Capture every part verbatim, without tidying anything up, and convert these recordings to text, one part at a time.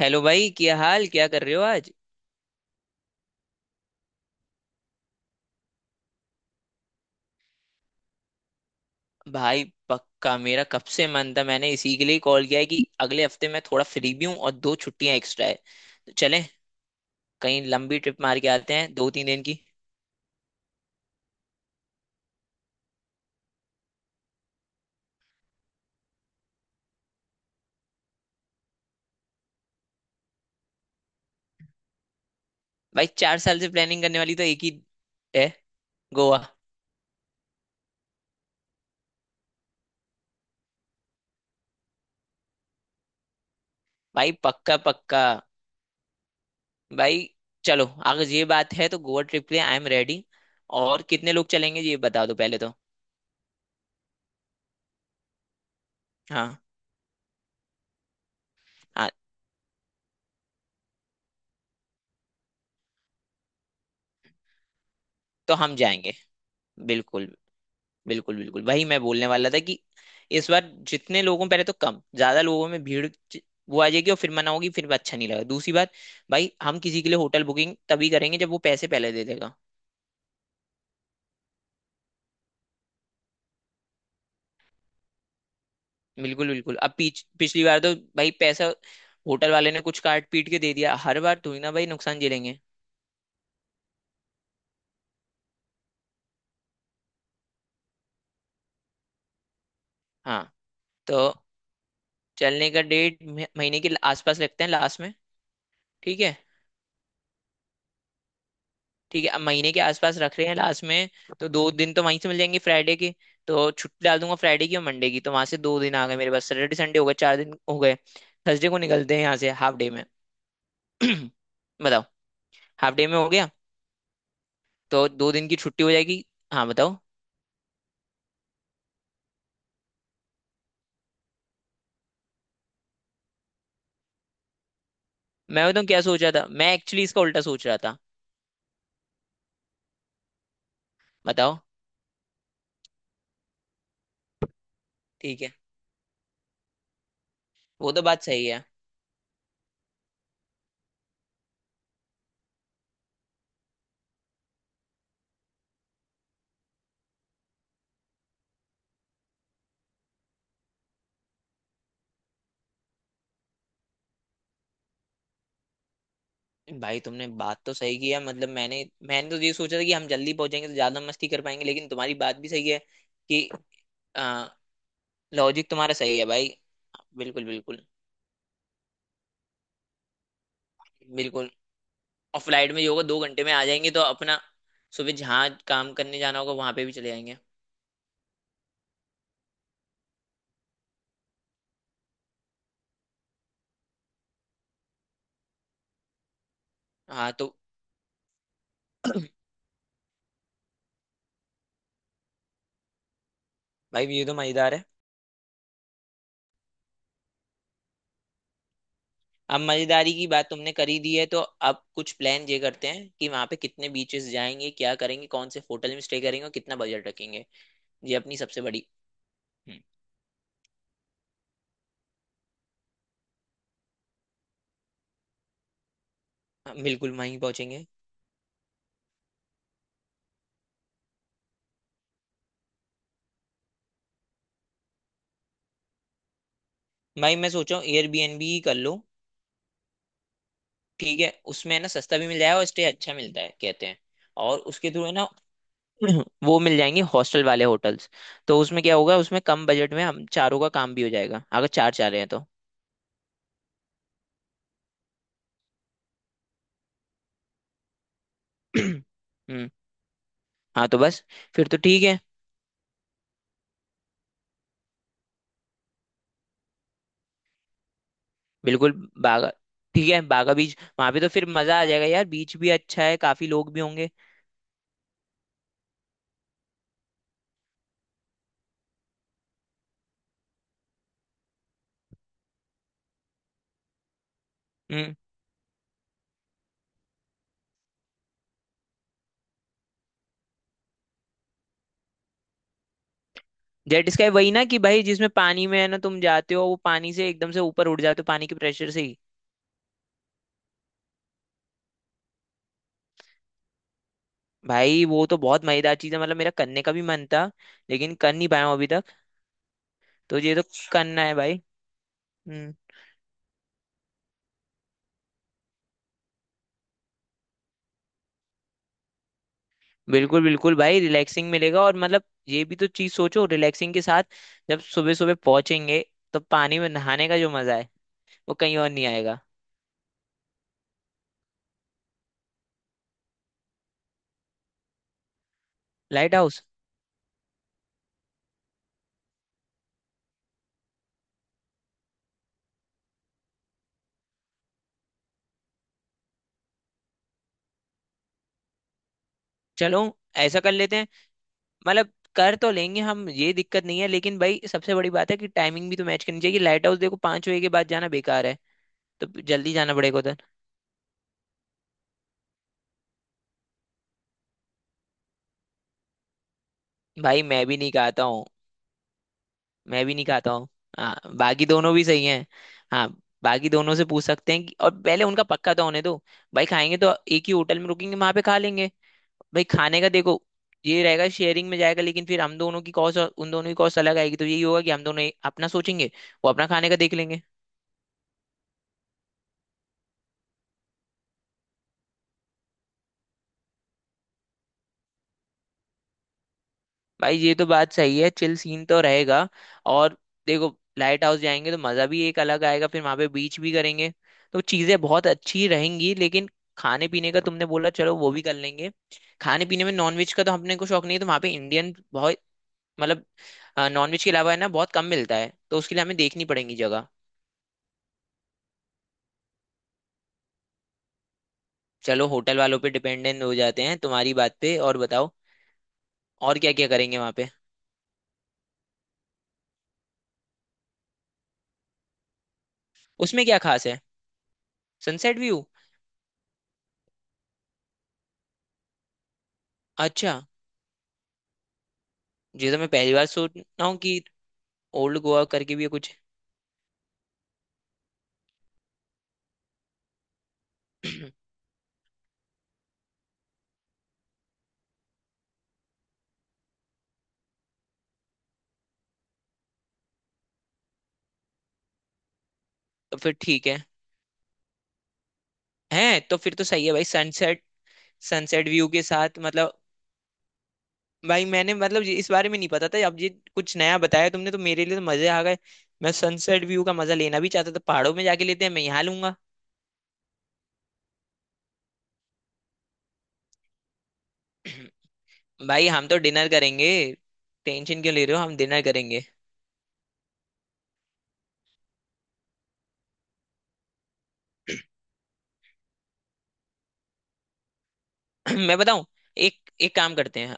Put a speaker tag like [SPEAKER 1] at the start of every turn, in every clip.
[SPEAKER 1] Hello भाई, क्या हाल? क्या कर रहे हो आज? भाई पक्का, मेरा कब से मन था। मैंने इसी के लिए कॉल किया है कि अगले हफ्ते मैं थोड़ा फ्री भी हूँ और दो छुट्टियां एक्स्ट्रा है। तो चलें, कहीं लंबी ट्रिप मार के आते हैं दो तीन दिन की। भाई चार साल से प्लानिंग करने वाली तो एक ही है, गोवा। भाई पक्का पक्का। भाई चलो, अगर ये बात है तो गोवा ट्रिप के लिए आई एम रेडी। और कितने लोग चलेंगे ये बता दो पहले तो। हाँ, हाँ तो हम जाएंगे। बिल्कुल। बिल्कुल बिल्कुल वही मैं बोलने वाला था कि इस बार जितने लोगों पहले तो कम ज्यादा लोगों में भीड़ ज- वो आ जाएगी और फिर मना होगी, फिर अच्छा नहीं लगा दूसरी बात। भाई हम किसी के लिए होटल बुकिंग तभी करेंगे जब वो पैसे पहले दे देगा। बिल्कुल बिल्कुल, अब पीछ पिछली बार तो भाई पैसा होटल वाले ने कुछ काट पीट के दे दिया। हर बार थोड़ी ना भाई नुकसान झेलेंगे। हाँ, तो चलने का डेट महीने के आसपास रखते हैं, लास्ट में। ठीक है। ठीक है, अब महीने के आसपास रख रहे हैं लास्ट में। तो दो दिन तो वहीं से मिल जाएंगे, फ्राइडे की तो छुट्टी डाल दूंगा, फ्राइडे की और मंडे की, तो वहां से दो दिन आ गए, मेरे पास सैटरडे संडे हो गए, चार दिन हो गए। थर्सडे को निकलते हैं यहाँ से हाफ डे में। बताओ। हाफ डे में हो गया तो दो दिन की छुट्टी हो जाएगी। हाँ बताओ। मैं बताऊँ क्या सोच रहा था? मैं एक्चुअली इसका उल्टा सोच रहा था। बताओ। ठीक है, वो तो बात सही है। भाई तुमने बात तो सही की है। मतलब मैंने मैंने तो ये सोचा था कि हम जल्दी पहुंचेंगे तो ज्यादा मस्ती कर पाएंगे, लेकिन तुम्हारी बात भी सही है कि लॉजिक तुम्हारा सही है भाई। बिल्कुल बिल्कुल बिल्कुल। और फ्लाइट में ये होगा, दो घंटे में आ जाएंगे तो अपना सुबह जहाँ काम करने जाना होगा वहां पे भी चले जाएंगे। हाँ तो भाई ये तो मजेदार है। अब मजेदारी की बात तुमने करी दी है तो अब कुछ प्लान ये करते हैं कि वहां पे कितने बीचेस जाएंगे, क्या करेंगे, कौन से होटल में स्टे करेंगे और कितना बजट रखेंगे। ये अपनी सबसे बड़ी। हम्म, हाँ, बिल्कुल वहीं पहुंचेंगे। भाई मैं सोच रहा हूँ एयरबीएनबी ही कर लो। ठीक है, उसमें है ना सस्ता भी मिल जाएगा और स्टे अच्छा मिलता है कहते हैं। और उसके थ्रू है ना वो मिल जाएंगे हॉस्टल वाले होटल्स। तो उसमें क्या होगा, उसमें कम बजट में हम चारों का काम भी हो जाएगा अगर चार चाह रहे हैं तो। हम्म। हाँ तो बस, फिर तो ठीक है। बिल्कुल। बागा। ठीक है, बागा बीच, वहां पे तो फिर मजा आ जाएगा यार, बीच भी अच्छा है, काफी लोग भी होंगे। हम्म। जेट स्काई वही ना कि भाई जिसमें पानी में है ना तुम जाते हो, वो पानी से एकदम से ऊपर उड़ जाते हो पानी के प्रेशर से ही। भाई वो तो बहुत मजेदार चीज है, मतलब मेरा करने का भी मन था, लेकिन कर नहीं पाया हूँ अभी तक। तो ये तो करना है भाई। हम्म। बिल्कुल बिल्कुल भाई, रिलैक्सिंग मिलेगा। और मतलब ये भी तो चीज सोचो, रिलैक्सिंग के साथ जब सुबह सुबह पहुंचेंगे तो पानी में नहाने का जो मजा है वो कहीं और नहीं आएगा। Light house. चलो ऐसा कर लेते हैं। मतलब कर तो लेंगे हम, ये दिक्कत नहीं है, लेकिन भाई सबसे बड़ी बात है कि टाइमिंग भी तो मैच करनी चाहिए। लाइट हाउस देखो, पांच बजे के बाद जाना बेकार है, तो जल्दी जाना पड़ेगा उधर। भाई मैं भी नहीं कहता। मैं भी नहीं खाता हूँ। हाँ, बाकी दोनों भी सही हैं। हाँ, बाकी दोनों से पूछ सकते हैं कि, और पहले उनका पक्का तो होने दो। भाई खाएंगे तो एक ही होटल में रुकेंगे, वहां पे खा लेंगे। भाई खाने का देखो, ये रहेगा शेयरिंग में जाएगा, लेकिन फिर हम दोनों की कॉस्ट और उन दोनों की कॉस्ट अलग आएगी, तो यही होगा कि हम दोनों ए- अपना सोचेंगे, वो अपना खाने का देख लेंगे। भाई ये तो बात सही है, चिल सीन तो रहेगा। और देखो, लाइट हाउस जाएंगे तो मजा भी एक अलग आएगा, फिर वहां पे बीच भी करेंगे, तो चीजें बहुत अच्छी रहेंगी, लेकिन खाने पीने का तुमने बोला, चलो वो भी कर लेंगे। खाने पीने में नॉनवेज का तो हमने को शौक नहीं है, तो वहां पे इंडियन बहुत, मतलब नॉनवेज के अलावा है ना बहुत कम मिलता है, तो उसके लिए हमें देखनी पड़ेगी जगह। चलो होटल वालों पे डिपेंडेंट हो जाते हैं तुम्हारी बात पे। और बताओ और क्या क्या करेंगे वहां पे? उसमें क्या खास है? Sunset view? अच्छा, ये तो मैं पहली बार सोच रहा हूँ कि ओल्ड गोवा करके भी है कुछ। तो फिर ठीक है। हैं तो फिर तो सही है भाई। सनसेट। सनसेट व्यू के साथ मतलब? भाई मैंने मतलब ये- इस बारे में नहीं पता था, अब ये कुछ नया बताया तुमने तो मेरे लिए तो मजे आ गए। मैं सनसेट व्यू का मजा लेना भी चाहता था, पहाड़ों में जाके लेते हैं, मैं यहाँ लूंगा। भाई हम तो डिनर करेंगे, टेंशन क्यों ले रहे हो, हम डिनर करेंगे। मैं बताऊं, एक एक काम करते हैं।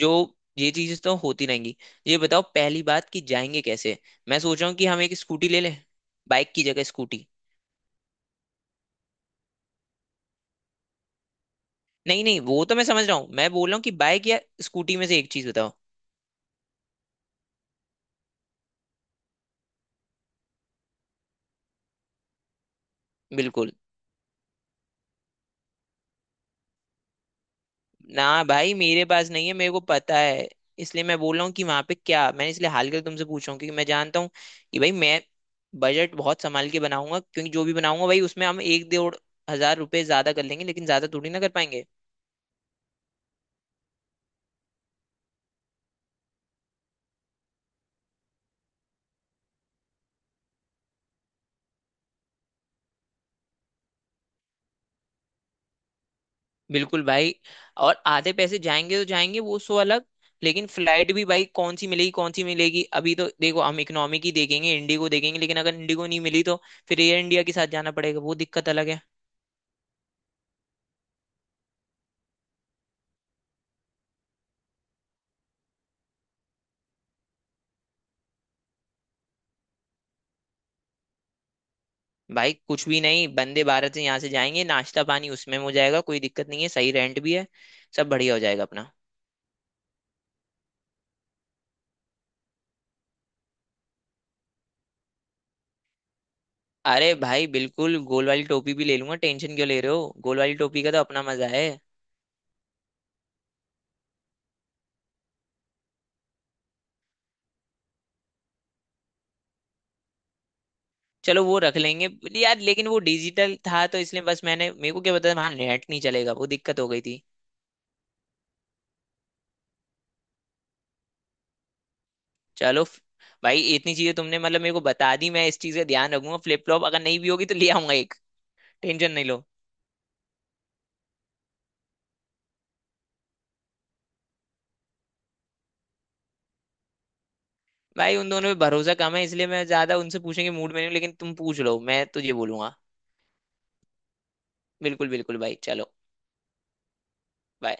[SPEAKER 1] जो, ये चीजें तो होती रहेंगी। ये बताओ पहली बात कि जाएंगे कैसे। मैं सोच रहा हूँ कि हम एक स्कूटी ले लें, बाइक की जगह स्कूटी। नहीं नहीं, वो तो मैं समझ रहा हूँ, मैं बोल रहा हूँ कि बाइक या स्कूटी में से एक चीज बताओ। बिल्कुल। ना भाई, मेरे पास नहीं है, मेरे को पता है। इसलिए मैं बोल रहा हूँ कि वहां पे क्या, मैं इसलिए हाल कर तुमसे पूछ रहा हूँ क्योंकि मैं जानता हूँ कि भाई मैं बजट बहुत संभाल के बनाऊंगा, क्योंकि जो भी बनाऊंगा भाई उसमें हम एक डेढ़ हज़ार रुपए ज्यादा कर लेंगे, लेकिन ज्यादा थोड़ी ना कर पाएंगे। बिल्कुल भाई। और आधे पैसे जाएंगे तो जाएंगे, वो सो अलग। लेकिन फ्लाइट भी भाई कौन सी मिलेगी कौन सी मिलेगी, अभी तो देखो हम इकोनॉमी की देखेंगे, इंडिगो देखेंगे, लेकिन अगर इंडिगो नहीं मिली तो फिर एयर इंडिया के साथ जाना पड़ेगा, वो दिक्कत अलग है। भाई कुछ भी नहीं, वंदे भारत से यहाँ से जाएंगे, नाश्ता पानी उसमें हो जाएगा, कोई दिक्कत नहीं है, सही रेंट भी है। सब बढ़िया हो जाएगा अपना। अरे भाई बिल्कुल, गोल वाली टोपी भी ले लूंगा, टेंशन क्यों ले रहे हो, गोल वाली टोपी का तो अपना मजा है। चलो वो रख लेंगे, but यार लेकिन वो डिजिटल था तो इसलिए बस, मैंने मेरे को क्या पता था वहां नेट नहीं चलेगा, वो दिक्कत हो गई थी। चलो फ- भाई इतनी चीजें तुमने मतलब मेरे को बता दी, मैं इस चीज का ध्यान रखूंगा, फ्लिप फ्लॉप अगर नहीं भी होगी तो ले आऊंगा एक। टेंशन नहीं लो। भाई उन दोनों पे भरोसा कम है, इसलिए मैं ज्यादा उनसे पूछने के मूड में नहीं हूं, लेकिन तुम पूछ लो मैं तुझे बोलूंगा। बिल्कुल बिल्कुल भाई, चलो bye।